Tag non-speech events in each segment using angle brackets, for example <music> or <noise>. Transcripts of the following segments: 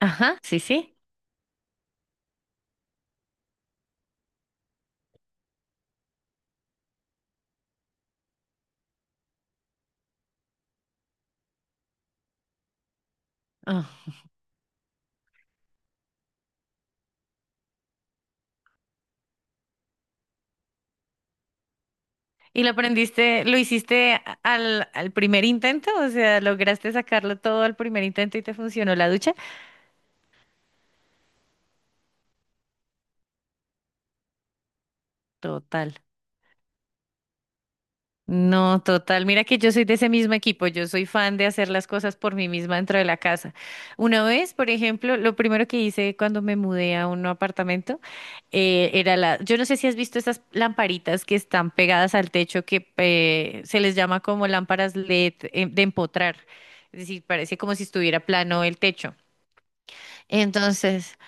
Ajá, sí, sí. Ah. ¿Y lo aprendiste, lo hiciste al primer intento? O sea, ¿lograste sacarlo todo al primer intento y te funcionó la ducha? Total. No, total. Mira que yo soy de ese mismo equipo. Yo soy fan de hacer las cosas por mí misma dentro de la casa. Una vez, por ejemplo, lo primero que hice cuando me mudé a un nuevo apartamento era la. Yo no sé si has visto estas lamparitas que están pegadas al techo que se les llama como lámparas LED de empotrar. Es decir, parece como si estuviera plano el techo. Entonces,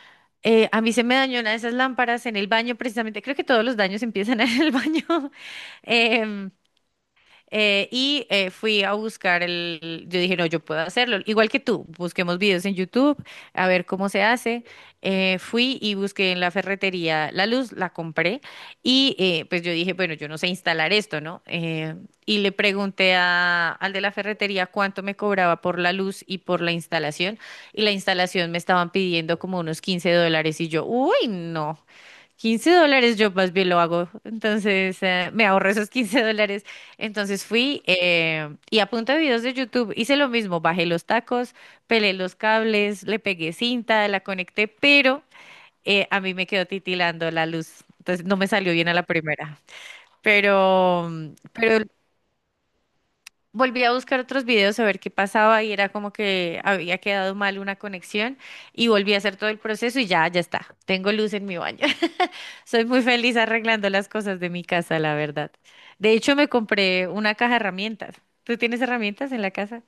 a mí se me dañó una de esas lámparas en el baño, precisamente. Creo que todos los daños empiezan <laughs> en el baño. Em, Fui a buscar yo dije, no, yo puedo hacerlo, igual que tú, busquemos videos en YouTube, a ver cómo se hace. Fui y busqué en la ferretería la luz, la compré y pues yo dije, bueno, yo no sé instalar esto, ¿no? Y le pregunté al de la ferretería cuánto me cobraba por la luz y por la instalación, y la instalación me estaban pidiendo como unos 15 dólares y yo, uy, no. 15 dólares yo más bien lo hago. Entonces, me ahorro esos 15 dólares. Entonces fui y a punta de videos de YouTube hice lo mismo. Bajé los tacos, pelé los cables, le pegué cinta, la conecté, pero a mí me quedó titilando la luz. Entonces no me salió bien a la primera. Pero, pero volví a buscar otros videos a ver qué pasaba y era como que había quedado mal una conexión, y volví a hacer todo el proceso y ya, ya está. Tengo luz en mi baño. <laughs> Soy muy feliz arreglando las cosas de mi casa, la verdad. De hecho, me compré una caja de herramientas. ¿Tú tienes herramientas en la casa?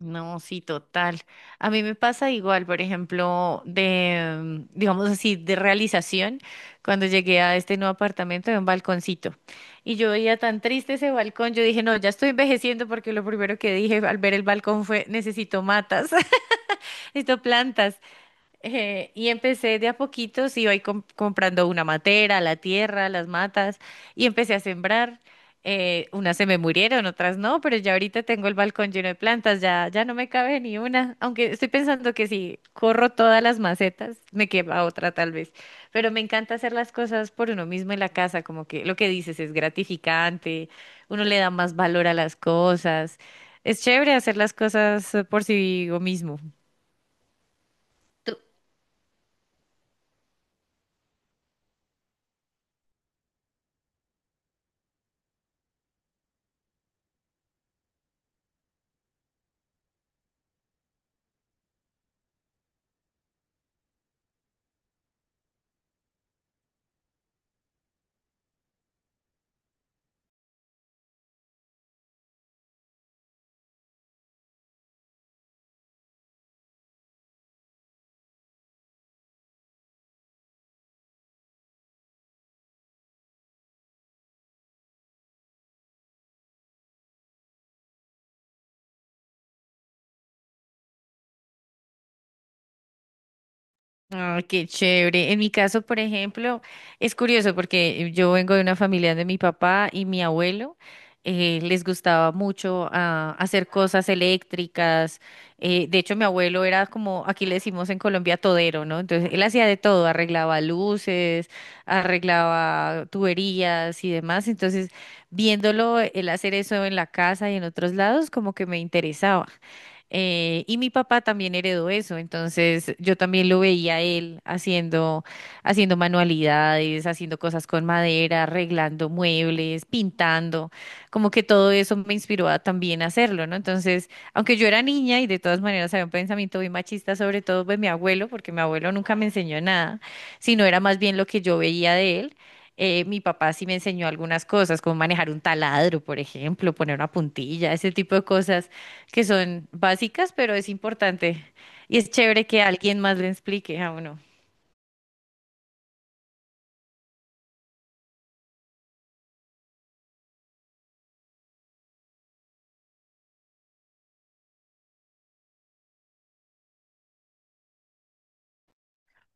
No, sí, total. A mí me pasa igual, por ejemplo, digamos así, de realización, cuando llegué a este nuevo apartamento de un balconcito. Y yo veía tan triste ese balcón, yo dije, no, ya estoy envejeciendo porque lo primero que dije al ver el balcón fue, necesito matas, <laughs> necesito plantas. Y empecé de a poquitos, iba ahí comprando una matera, la tierra, las matas, y empecé a sembrar. Unas se me murieron, otras no, pero ya ahorita tengo el balcón lleno de plantas, ya, ya no me cabe ni una, aunque estoy pensando que si corro todas las macetas, me quema otra tal vez. Pero me encanta hacer las cosas por uno mismo en la casa, como que lo que dices es gratificante, uno le da más valor a las cosas. Es chévere hacer las cosas por sí mismo. Ah, qué chévere. En mi caso, por ejemplo, es curioso porque yo vengo de una familia de mi papá y mi abuelo. Les gustaba mucho hacer cosas eléctricas. De hecho, mi abuelo era como, aquí le decimos en Colombia, todero, ¿no? Entonces, él hacía de todo, arreglaba luces, arreglaba tuberías y demás. Entonces, viéndolo, él hacer eso en la casa y en otros lados, como que me interesaba. Y mi papá también heredó eso, entonces yo también lo veía a él haciendo manualidades, haciendo cosas con madera, arreglando muebles, pintando, como que todo eso me inspiró a también hacerlo, ¿no? Entonces, aunque yo era niña y de todas maneras había un pensamiento muy machista, sobre todo de mi abuelo, porque mi abuelo nunca me enseñó nada, sino era más bien lo que yo veía de él. Mi papá sí me enseñó algunas cosas, como manejar un taladro, por ejemplo, poner una puntilla, ese tipo de cosas que son básicas, pero es importante, y es chévere que alguien más le explique a uno.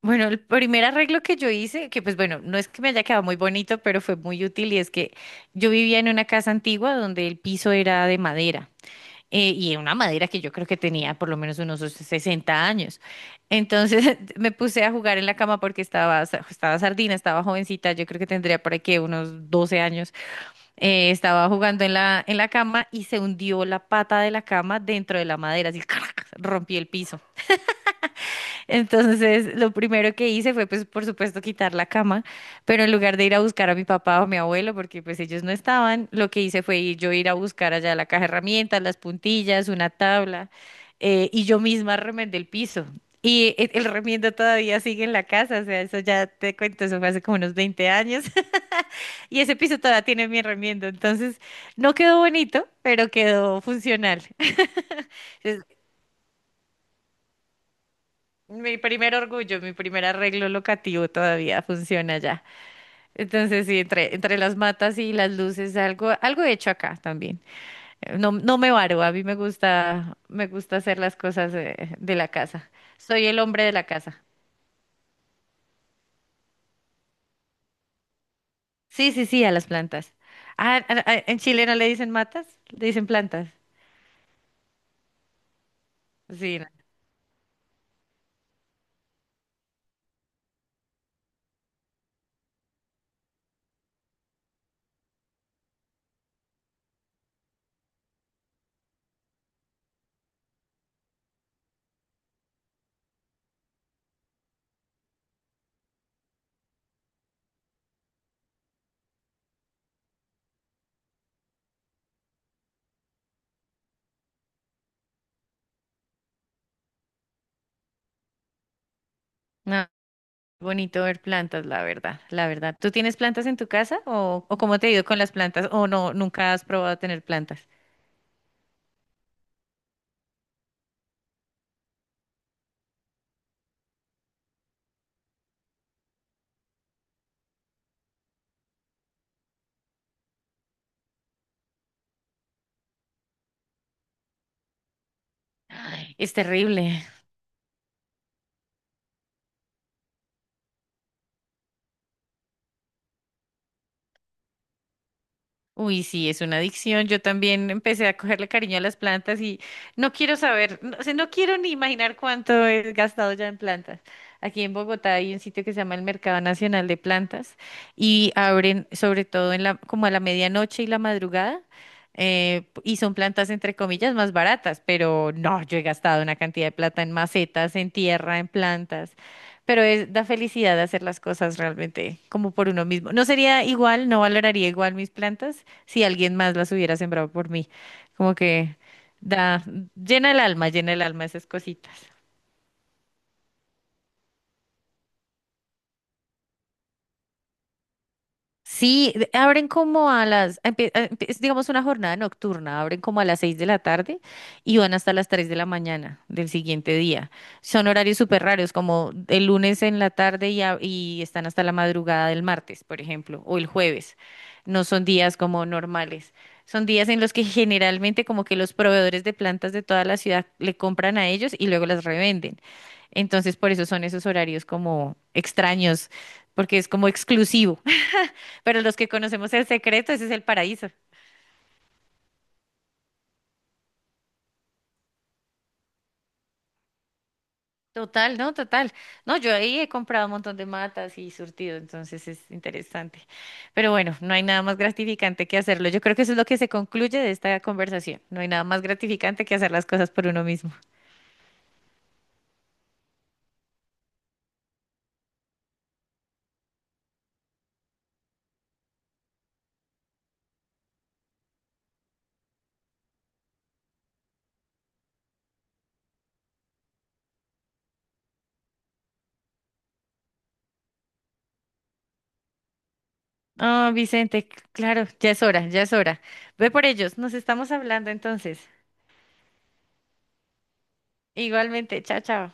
Bueno, el primer arreglo que yo hice, que pues bueno, no es que me haya quedado muy bonito, pero fue muy útil, y es que yo vivía en una casa antigua donde el piso era de madera, y una madera que yo creo que tenía por lo menos unos 60 años. Entonces <laughs> me puse a jugar en la cama porque estaba sardina, estaba jovencita, yo creo que tendría por aquí unos 12 años. Estaba jugando en la cama y se hundió la pata de la cama dentro de la madera, así crac, rompí el piso. Entonces, lo primero que hice fue, pues, por supuesto, quitar la cama, pero en lugar de ir a buscar a mi papá o a mi abuelo, porque pues ellos no estaban, lo que hice fue yo ir a buscar allá la caja de herramientas, las puntillas, una tabla, y yo misma remendé el piso. Y el remiendo todavía sigue en la casa, o sea, eso ya te cuento, eso fue hace como unos 20 años. Y ese piso todavía tiene mi remiendo, entonces no quedó bonito, pero quedó funcional. <laughs> Es mi primer orgullo, mi primer arreglo locativo todavía funciona ya. Entonces sí, entre las matas y las luces, algo he hecho acá también. No, no me varo, a mí me gusta hacer las cosas de la casa. Soy el hombre de la casa. Sí, sí, sí, a las plantas. Ah, ah, ah, en Chile no le dicen matas, le dicen plantas. Sí, no. No. Bonito ver plantas, la verdad, la verdad. ¿Tú tienes plantas en tu casa o cómo te ha ido con las plantas? O no, nunca has probado tener plantas. Es terrible. Uy, sí, es una adicción. Yo también empecé a cogerle cariño a las plantas, y no quiero saber, no, o sea, no quiero ni imaginar cuánto he gastado ya en plantas. Aquí en Bogotá hay un sitio que se llama el Mercado Nacional de Plantas, y abren sobre todo en como a la medianoche y la madrugada, y son plantas entre comillas más baratas, pero no, yo he gastado una cantidad de plata en macetas, en tierra, en plantas. Pero da felicidad hacer las cosas realmente como por uno mismo. No sería igual, no valoraría igual mis plantas si alguien más las hubiera sembrado por mí. Como que da, llena el alma esas cositas. Sí, abren como a las, empie- empie- es digamos una jornada nocturna, abren como a las 6 de la tarde y van hasta las 3 de la mañana del siguiente día. Son horarios súper raros, como el lunes en la tarde y están hasta la madrugada del martes, por ejemplo, o el jueves. No son días como normales. Son días en los que generalmente como que los proveedores de plantas de toda la ciudad le compran a ellos y luego las revenden. Entonces, por eso son esos horarios como extraños, porque es como exclusivo. Pero los que conocemos el secreto, ese es el paraíso. Total. No, yo ahí he comprado un montón de matas y surtido, entonces es interesante. Pero bueno, no hay nada más gratificante que hacerlo. Yo creo que eso es lo que se concluye de esta conversación. No hay nada más gratificante que hacer las cosas por uno mismo. Ah, Vicente, claro, ya es hora, ya es hora. Ve por ellos, nos estamos hablando entonces. Igualmente, chao, chao.